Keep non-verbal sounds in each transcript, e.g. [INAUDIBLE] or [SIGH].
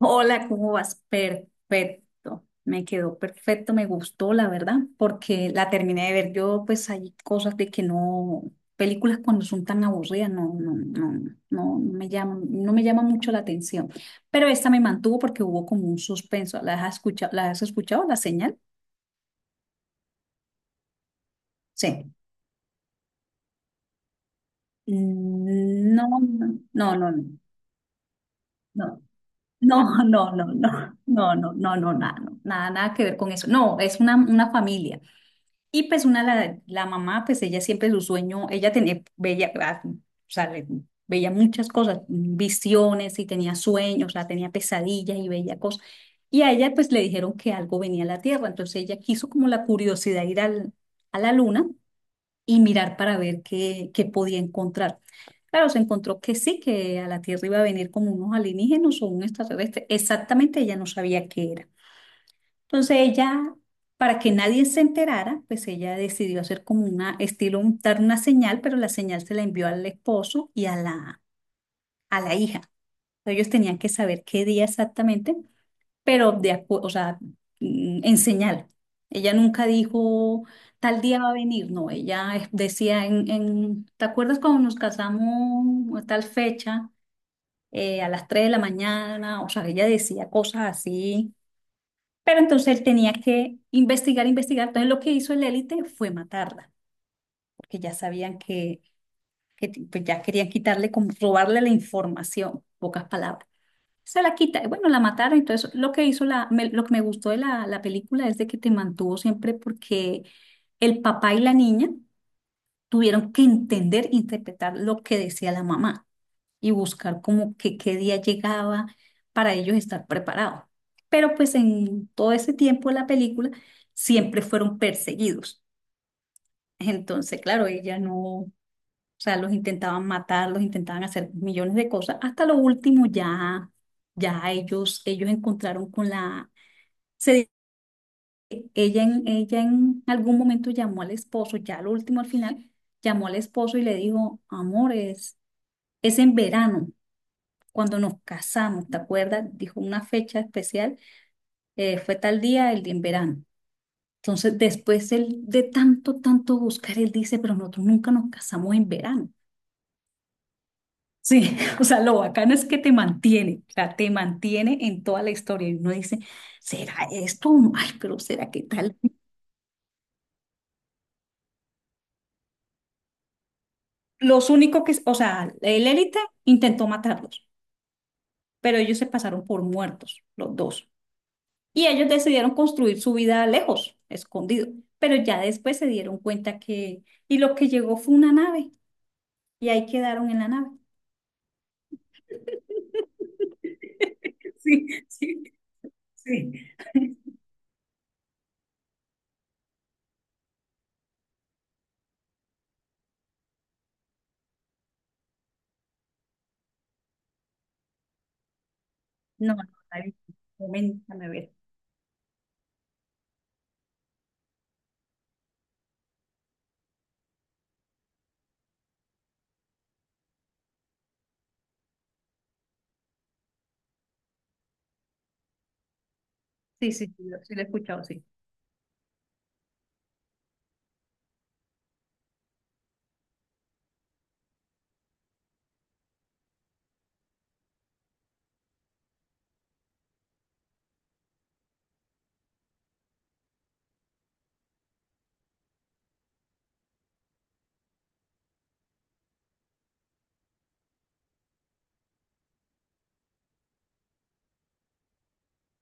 Hola, ¿cómo vas? Perfecto, me quedó perfecto, me gustó, la verdad, porque la terminé de ver. Yo, pues, hay cosas de que no, películas cuando son tan aburridas, no, no, no, no, no me llaman, no me llama mucho la atención. Pero esta me mantuvo porque hubo como un suspenso. ¿Las has escuchado? ¿Las has escuchado? ¿La señal? Sí. Mm, no, no, no, no, no. No, [LAUGHS] no, no, no, no, no, no, no, nada, no, nada, nada que ver con eso. No, es una familia. Y pues la mamá, pues ella siempre su sueño, ella tenía, veía, ah, o sea, veía muchas cosas, visiones y tenía sueños, o sea, tenía pesadillas y veía cosas. Y a ella pues le dijeron que algo venía a la Tierra, entonces ella quiso como la curiosidad ir a la Luna y mirar para ver qué podía encontrar. Claro, se encontró que sí, que a la Tierra iba a venir como unos alienígenas o un extraterrestre, exactamente ella no sabía qué era. Entonces ella, para que nadie se enterara, pues ella decidió hacer como una estilo, dar una señal, pero la señal se la envió al esposo y a la hija. Ellos tenían que saber qué día exactamente, pero o sea, en señal. Ella nunca dijo tal día va a venir, no, ella decía ¿te acuerdas cuando nos casamos a tal fecha, a las 3 de la mañana? O sea, ella decía cosas así, pero entonces él tenía que investigar, investigar. Entonces lo que hizo el élite fue matarla, porque ya sabían que, pues ya querían quitarle, como robarle la información, pocas palabras. Se la quita, y bueno, la mataron. Entonces lo que hizo lo que me gustó de la película es de que te mantuvo siempre, porque el papá y la niña tuvieron que entender, interpretar lo que decía la mamá y buscar como que qué día llegaba para ellos estar preparados. Pero pues en todo ese tiempo de la película siempre fueron perseguidos. Entonces, claro, ella no, o sea, los intentaban matar, los intentaban hacer millones de cosas. Hasta lo último ya, ya ellos encontraron con la. Se- ella en, ella en algún momento llamó al esposo, ya lo último al final, llamó al esposo y le dijo: amores, es en verano. Cuando nos casamos, ¿te acuerdas? Dijo una fecha especial, fue tal día, el día en verano. Entonces, después él, de tanto, tanto buscar, él dice, pero nosotros nunca nos casamos en verano. Sí, [LAUGHS] o sea, lo bacano es que te mantiene, o sea, te mantiene en toda la historia. Y uno dice, ¿será esto? Ay, pero ¿será qué tal? Los únicos que, o sea, el élite intentó matarlos, pero ellos se pasaron por muertos, los dos. Y ellos decidieron construir su vida lejos, escondido. Pero ya después se dieron cuenta que. Y lo que llegó fue una nave. Y ahí quedaron en la nave. [LAUGHS] Sí, sí, sí. No, no, la he visto. Coméntame, a ver. Sí, sí, sí, sí, la he escuchado, sí.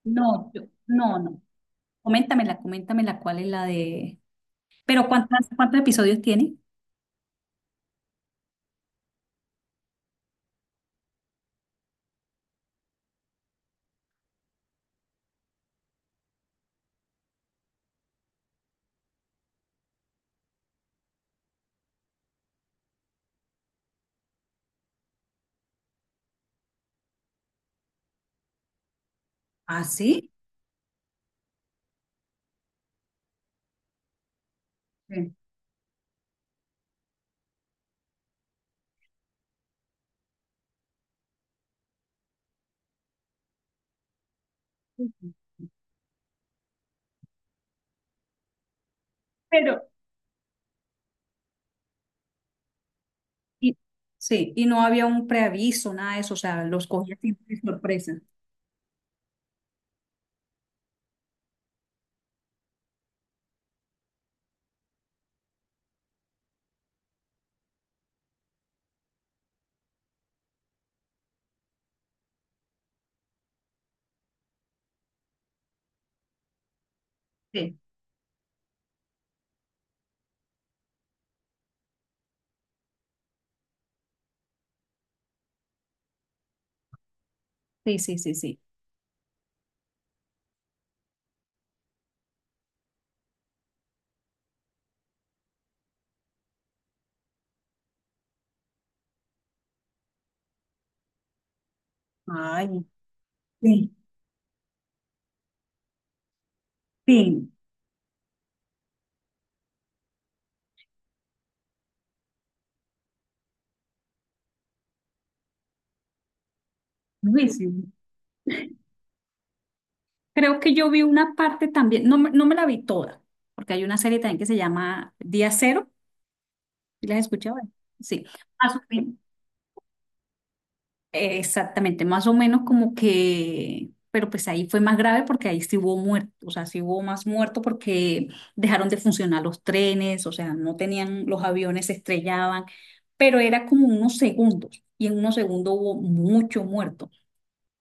No, no, no. Coméntamela, coméntamela, cuál es la de. Pero ¿cuántas, cuántos episodios tiene? ¿Ah, sí? Sí. Sí, sí, sí. Pero, y, sí, y no había un preaviso, nada de eso, o sea, los cogía siempre de sorpresa. Sí, sí, sí, sí, sí. Ay, sí, sí, durísimo. Creo que yo vi una parte también, no, no me la vi toda, porque hay una serie también que se llama Día Cero. ¿Y la has escuchado? Sí, más o menos, exactamente, más o menos como que, pero pues ahí fue más grave porque ahí sí hubo muertos, o sea, sí hubo más muertos porque dejaron de funcionar los trenes, o sea, no tenían, los aviones se estrellaban, pero era como unos segundos, y en unos segundos hubo mucho muerto.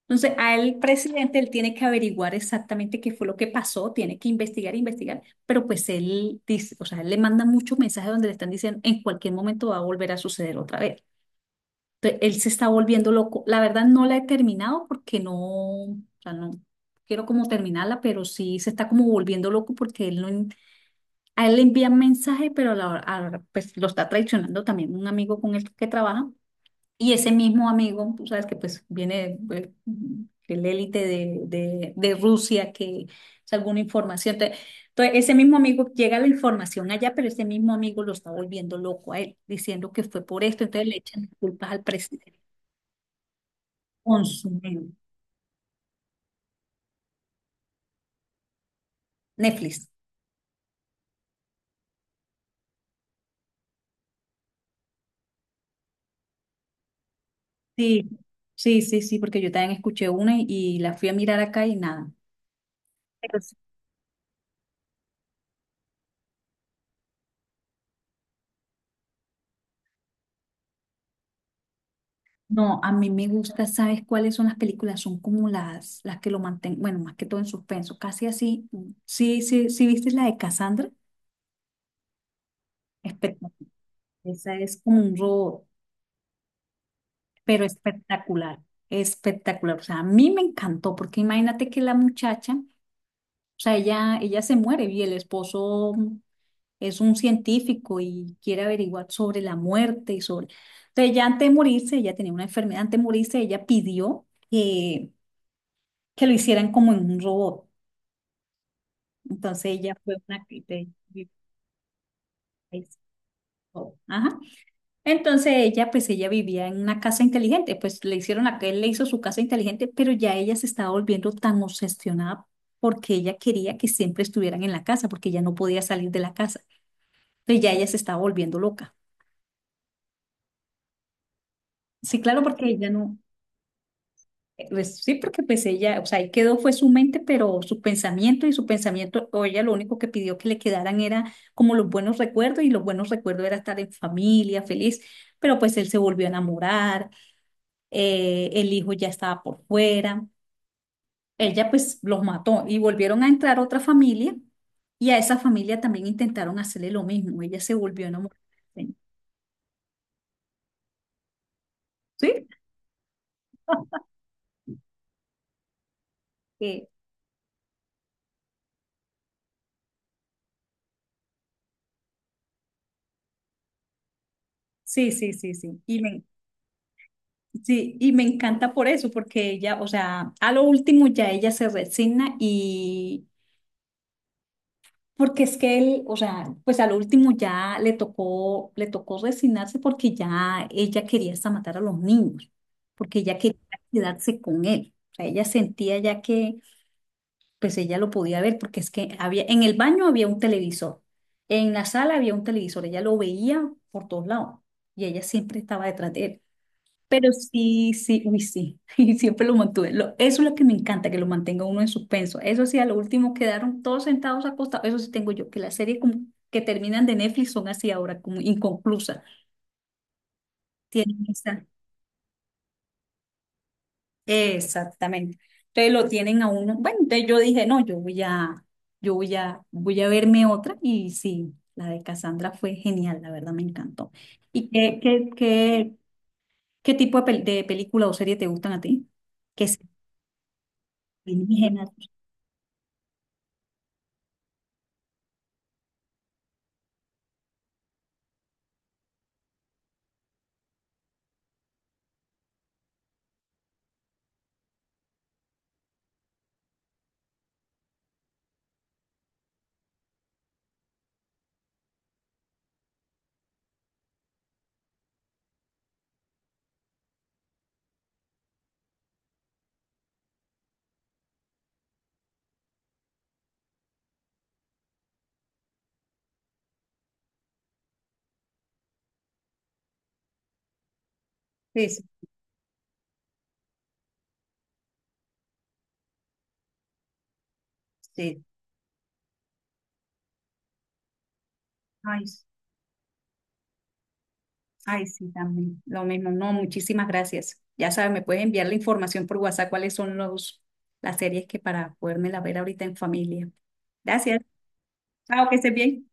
Entonces, al presidente él tiene que averiguar exactamente qué fue lo que pasó, tiene que investigar, investigar, pero pues él dice, o sea, él le manda muchos mensajes donde le están diciendo, en cualquier momento va a volver a suceder otra vez. Entonces, él se está volviendo loco. La verdad no la he terminado porque no, o sea, no quiero como terminarla, pero sí se está como volviendo loco porque él no, a él le envían mensajes, pero a la hora, pues lo está traicionando también un amigo con el que trabaja. Y ese mismo amigo, tú sabes que pues viene el élite de Rusia, que es alguna información. Entonces, ese mismo amigo llega la información allá, pero ese mismo amigo lo está volviendo loco a él, diciendo que fue por esto. Entonces le echan culpas al presidente. Consumero. Netflix. Sí, sí, sí, sí, porque yo también escuché una y la fui a mirar acá y nada. No, a mí me gusta, ¿sabes cuáles son las películas? Son como las que lo mantienen, bueno, más que todo en suspenso, casi así. Mm, sí, sí, sí, ¿viste la de Cassandra? Espectacular. Esa es como un robot, pero espectacular, espectacular. O sea, a mí me encantó, porque imagínate que la muchacha, o sea, ella se muere y el esposo es un científico y quiere averiguar sobre la muerte y sobre. Entonces, ya antes de morirse, ella tenía una enfermedad, antes de morirse, ella pidió que lo hicieran como en un robot. Entonces ella fue una que es- oh, ajá. Entonces ella, pues ella vivía en una casa inteligente, pues le hicieron, a él le hizo su casa inteligente, pero ya ella se estaba volviendo tan obsesionada porque ella quería que siempre estuvieran en la casa, porque ella no podía salir de la casa. Entonces ya ella se estaba volviendo loca. Sí, claro, porque ella no. Pues sí, porque pues ella, o sea, ahí quedó fue su mente, pero su pensamiento y su pensamiento, o ella lo único que pidió que le quedaran era como los buenos recuerdos, y los buenos recuerdos era estar en familia, feliz, pero pues él se volvió a enamorar, el hijo ya estaba por fuera, ella pues los mató y volvieron a entrar otra familia, y a esa familia también intentaron hacerle lo mismo, ella se volvió a enamorar. ¿Sí? Eh, sí, sí, sí, sí. Y me, sí, y me encanta por eso, porque ella, o sea, a lo último ya ella se resigna, y porque es que él, o sea, pues a lo último ya le tocó resignarse porque ya ella quería hasta matar a los niños, porque ella quería quedarse con él. O sea, ella sentía ya que pues ella lo podía ver, porque es que había, en el baño había un televisor, en la sala había un televisor, ella lo veía por todos lados y ella siempre estaba detrás de él. Pero sí, sí, uy, sí, [LAUGHS] y siempre lo mantuve. Eso es lo que me encanta, que lo mantenga uno en suspenso. Eso sí, a lo último quedaron todos sentados, acostados. Eso sí tengo yo, que las series como que terminan de Netflix son así ahora, como inconclusas. Tienen esa. Exactamente. Entonces lo tienen a uno. Bueno, entonces yo dije, no, voy a verme otra. Y sí, la de Cassandra fue genial, la verdad me encantó. ¿Y qué tipo de película o serie te gustan a ti? Que se alienígenas. Sí, ay, ay, sí, también. Lo mismo, no, muchísimas gracias. Ya sabes, me puedes enviar la información por WhatsApp cuáles son los, las series que para podérmela ver ahorita en familia. Gracias. Chao, que estés bien.